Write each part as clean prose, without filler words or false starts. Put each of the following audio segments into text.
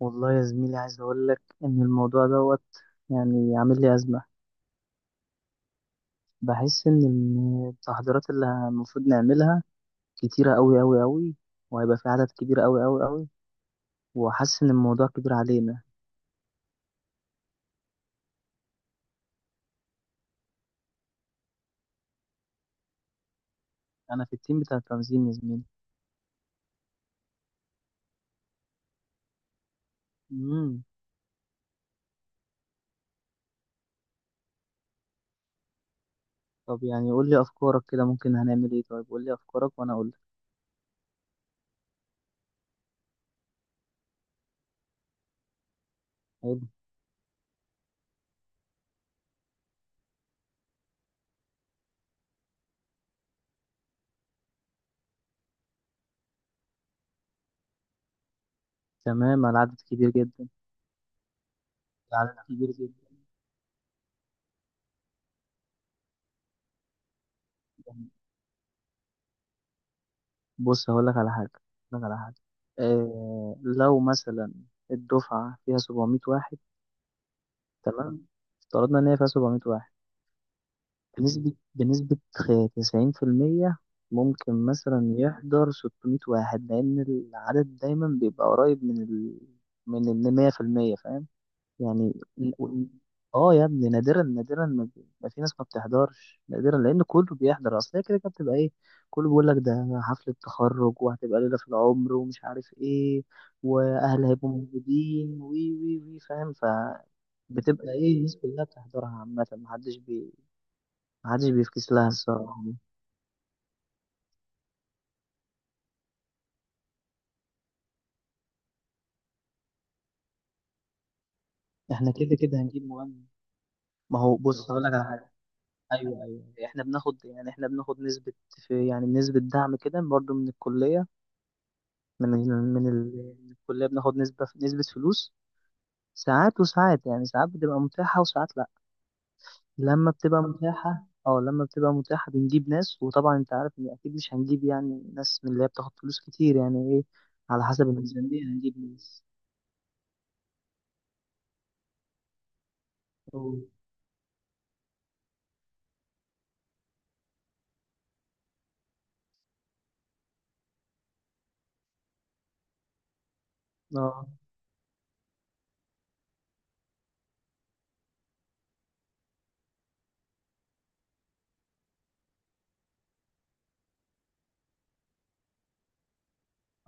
والله يا زميلي، عايز أقول لك إن الموضوع دوت يعني عامل لي أزمة. بحس إن التحضيرات اللي المفروض نعملها كتيرة أوي أوي أوي، وهيبقى في عدد كبير أوي أوي أوي، وحاسس إن الموضوع كبير علينا. أنا في التيم بتاع التنظيم يا زميلي. مم. طب يعني قول لي أفكارك كده، ممكن هنعمل إيه؟ طيب قول لي أفكارك وأنا أقول لك. حلو. تمام. العدد كبير جدا. العدد كبير جدا. بص هقول لك على حاجة. هقول لك على حاجة. إيه؟ لو مثلا الدفعة فيها 700 واحد. تمام، افترضنا ان هي فيها 700 واحد. بنسبة 90%، ممكن مثلا يحضر 600 واحد، لان العدد دايما بيبقى قريب من من ال 100%، فاهم؟ يعني ال- وال- اه يا ابني، نادرا نادرا ما في ناس ما بتحضرش نادرا، لان كله بيحضر. اصل هي كده كده بتبقى ايه، كله بيقول لك ده حفلة تخرج وهتبقى ليلة في العمر ومش عارف ايه، واهل هيبقوا موجودين وي وي وي، فاهم؟ ف بتبقى ايه الناس كلها بتحضرها عامة. محدش بيفكس لها الصراحة. احنا كده كده هنجيب مغني. ما هو بص هقول لك على حاجة. ايوه ايوه، احنا بناخد يعني احنا بناخد نسبة في يعني نسبة دعم كده برضه من الكلية. من من الكلية بناخد نسبة فلوس. ساعات وساعات يعني ساعات بتبقى متاحة وساعات لأ. لما بتبقى متاحة، اه لما بتبقى متاحة بنجيب ناس. وطبعا انت عارف ان اكيد مش هنجيب يعني ناس من اللي هي بتاخد فلوس كتير يعني ايه. على حسب الميزانية هنجيب ناس. أوه. اه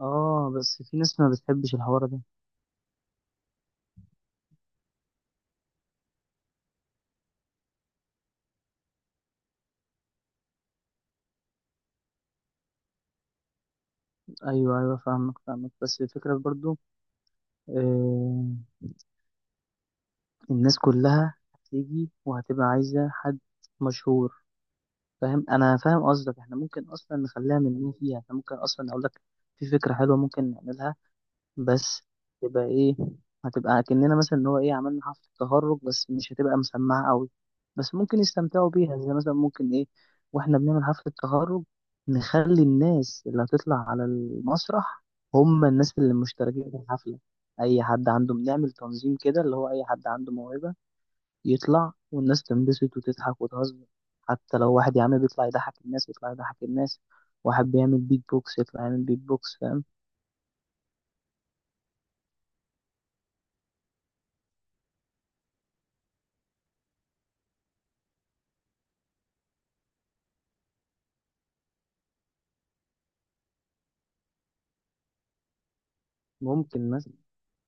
اه، بس في ناس ما بتحبش الحوار ده. ايوه ايوه فاهمك فاهمك، بس الفكرة برضو آه الناس كلها هتيجي وهتبقى عايزة حد مشهور. فاهم، انا فاهم قصدك. احنا ممكن اصلا نخليها من مين فيها، احنا ممكن اصلا اقول لك في فكره حلوه ممكن نعملها. بس تبقى ايه؟ هتبقى كأننا مثلا ان هو ايه عملنا حفله تخرج، بس مش هتبقى مسمعه قوي. بس ممكن يستمتعوا بيها. زي مثلا ممكن ايه، واحنا بنعمل حفله تخرج نخلي الناس اللي هتطلع على المسرح هم الناس اللي مشتركين في الحفله. اي حد عنده بنعمل تنظيم كده، اللي هو اي حد عنده موهبه يطلع والناس تنبسط وتضحك وتهزر. حتى لو واحد يا عم بيطلع يضحك الناس يطلع يضحك الناس، واحد بيعمل بيت بوكس يطلع يعمل بيت بوكس، فاهم؟ ممكن مثلا،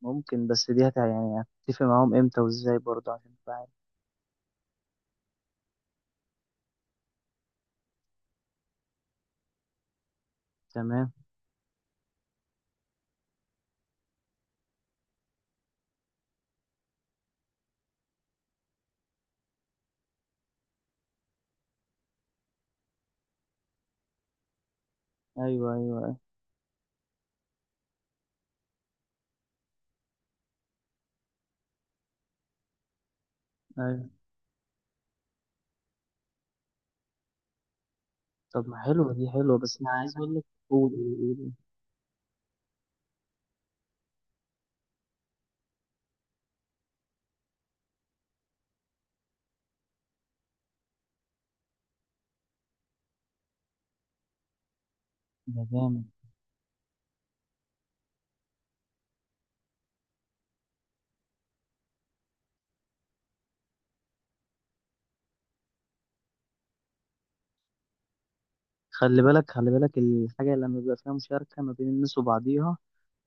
ممكن بس دي هت يعني هتتفق معاهم امتى وازاي برضه عشان تبقى عارف. تمام. ايوه ايوه ايوه. طب ما حلوه دي حلوه، بس انا عايز اقول لك. قول قول قول. ده جامد. خلي بالك خلي بالك، الحاجه لما بيبقى فيها مشاركه ما بين الناس وبعضيها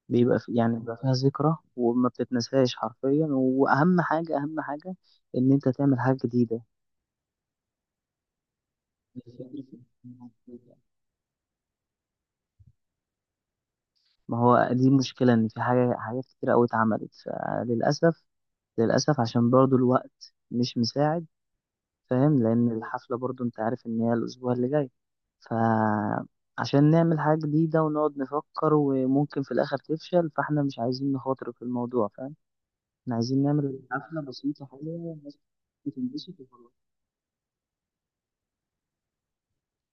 بيبقى في يعني بيبقى فيها ذكرى وما بتتنساش حرفيا. واهم حاجه اهم حاجه ان انت تعمل حاجه جديده. ما هو دي المشكله، ان في حاجات كتير قوي اتعملت. فللاسف للاسف عشان برضو الوقت مش مساعد. فاهم، لان الحفله برضو انت عارف ان هي الاسبوع اللي جاي. فعشان نعمل حاجه جديده ونقعد نفكر وممكن في الاخر تفشل، فاحنا مش عايزين نخاطر في الموضوع، فاهم؟ احنا عايزين نعمل حفله بسيطه حلوه، الناس تنبسط وخلاص.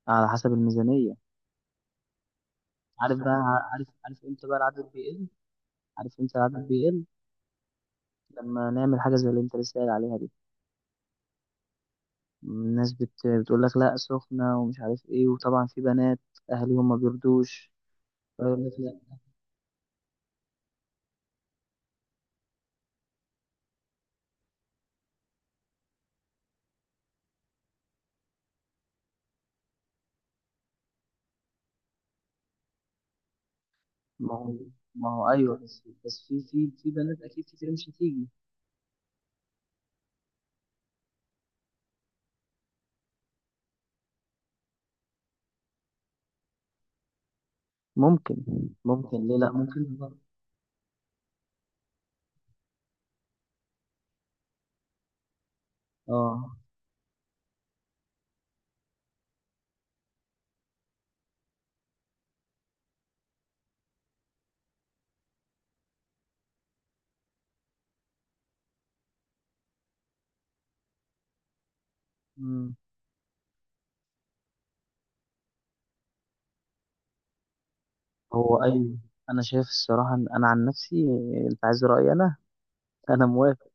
على حسب الميزانية. عارف بقى صح، عارف عارف امتى بقى العدد بيقل؟ عارف امتى العدد بيقل؟ لما نعمل حاجة زي اللي انت لسه قايل عليها دي. بتقول لك لا سخنة ومش عارف ايه، وطبعا في بنات اهاليهم ما بيرضوش، فيقول لك لا. ما هو ما هو ايوه، بس في بنات اكيد كتير مش هتيجي. ممكن، ممكن ليه لا، ممكن. اه. مم. هو ايوه، انا شايف الصراحة إن انا عن نفسي، انت عايز رأيي انا؟ انا موافق.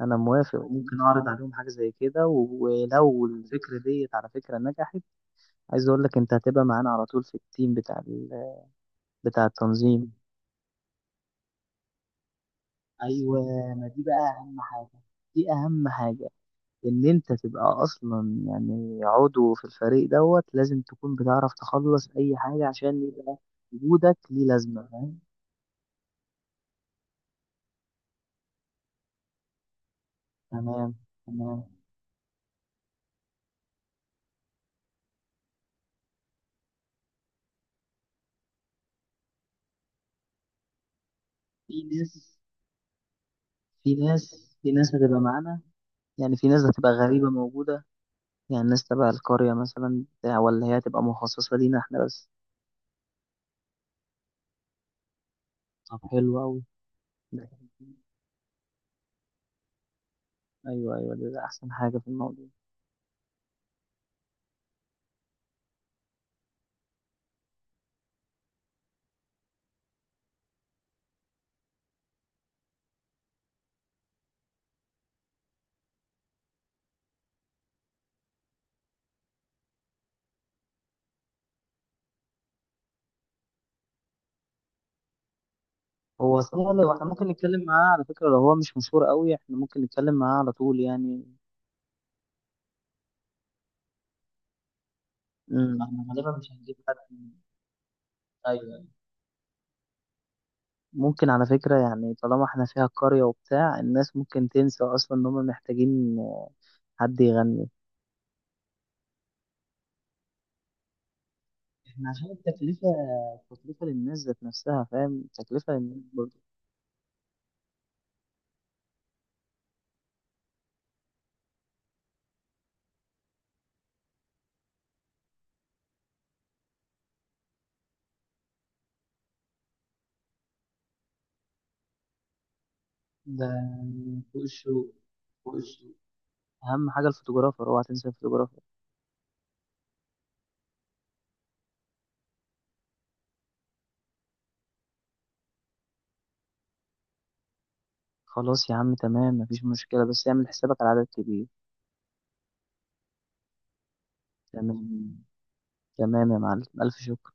انا موافق وممكن اعرض عليهم حاجه زي كده، ولو الفكره ديت على فكره نجحت، عايز اقول لك انت هتبقى معانا على طول في التيم بتاع التنظيم. ايوه، ما دي بقى اهم حاجه. دي اهم حاجه ان انت تبقى اصلا يعني عضو في الفريق دوت. لازم تكون بتعرف تخلص اي حاجه عشان يبقى وجودك ليه لازمه، فاهم؟ تمام تمام. في ناس في ناس هتبقى معانا، يعني في ناس هتبقى غريبه موجوده. يعني الناس تبع القرية مثلا بتاع، ولا هي هتبقى مخصصة لينا احنا بس؟ طب حلو أوي. ده- أيوه أيوه، ده أحسن حاجة في الموضوع. هو صحيح لو احنا ممكن نتكلم معاه، على فكرة لو هو مش مشهور أوي احنا ممكن نتكلم معاه على طول يعني. احنا غالبا مش هنجيب حد من-. أيوه أيوه. ممكن على فكرة، يعني طالما احنا فيها القرية وبتاع الناس ممكن تنسى أصلا إن هما محتاجين آه، حد يغني. احنا عشان التكلفة، التكلفة للناس ذات نفسها، فاهم؟ التكلفة للناس برضه. ده فوق الشغل. فوق الشغل. أهم حاجة الفوتوغرافر، أوعى تنسى الفوتوغرافر. خلاص يا عم تمام، مفيش مشكلة، بس اعمل حسابك على عدد كبير. تمام تمام يا معلم، ألف شكر.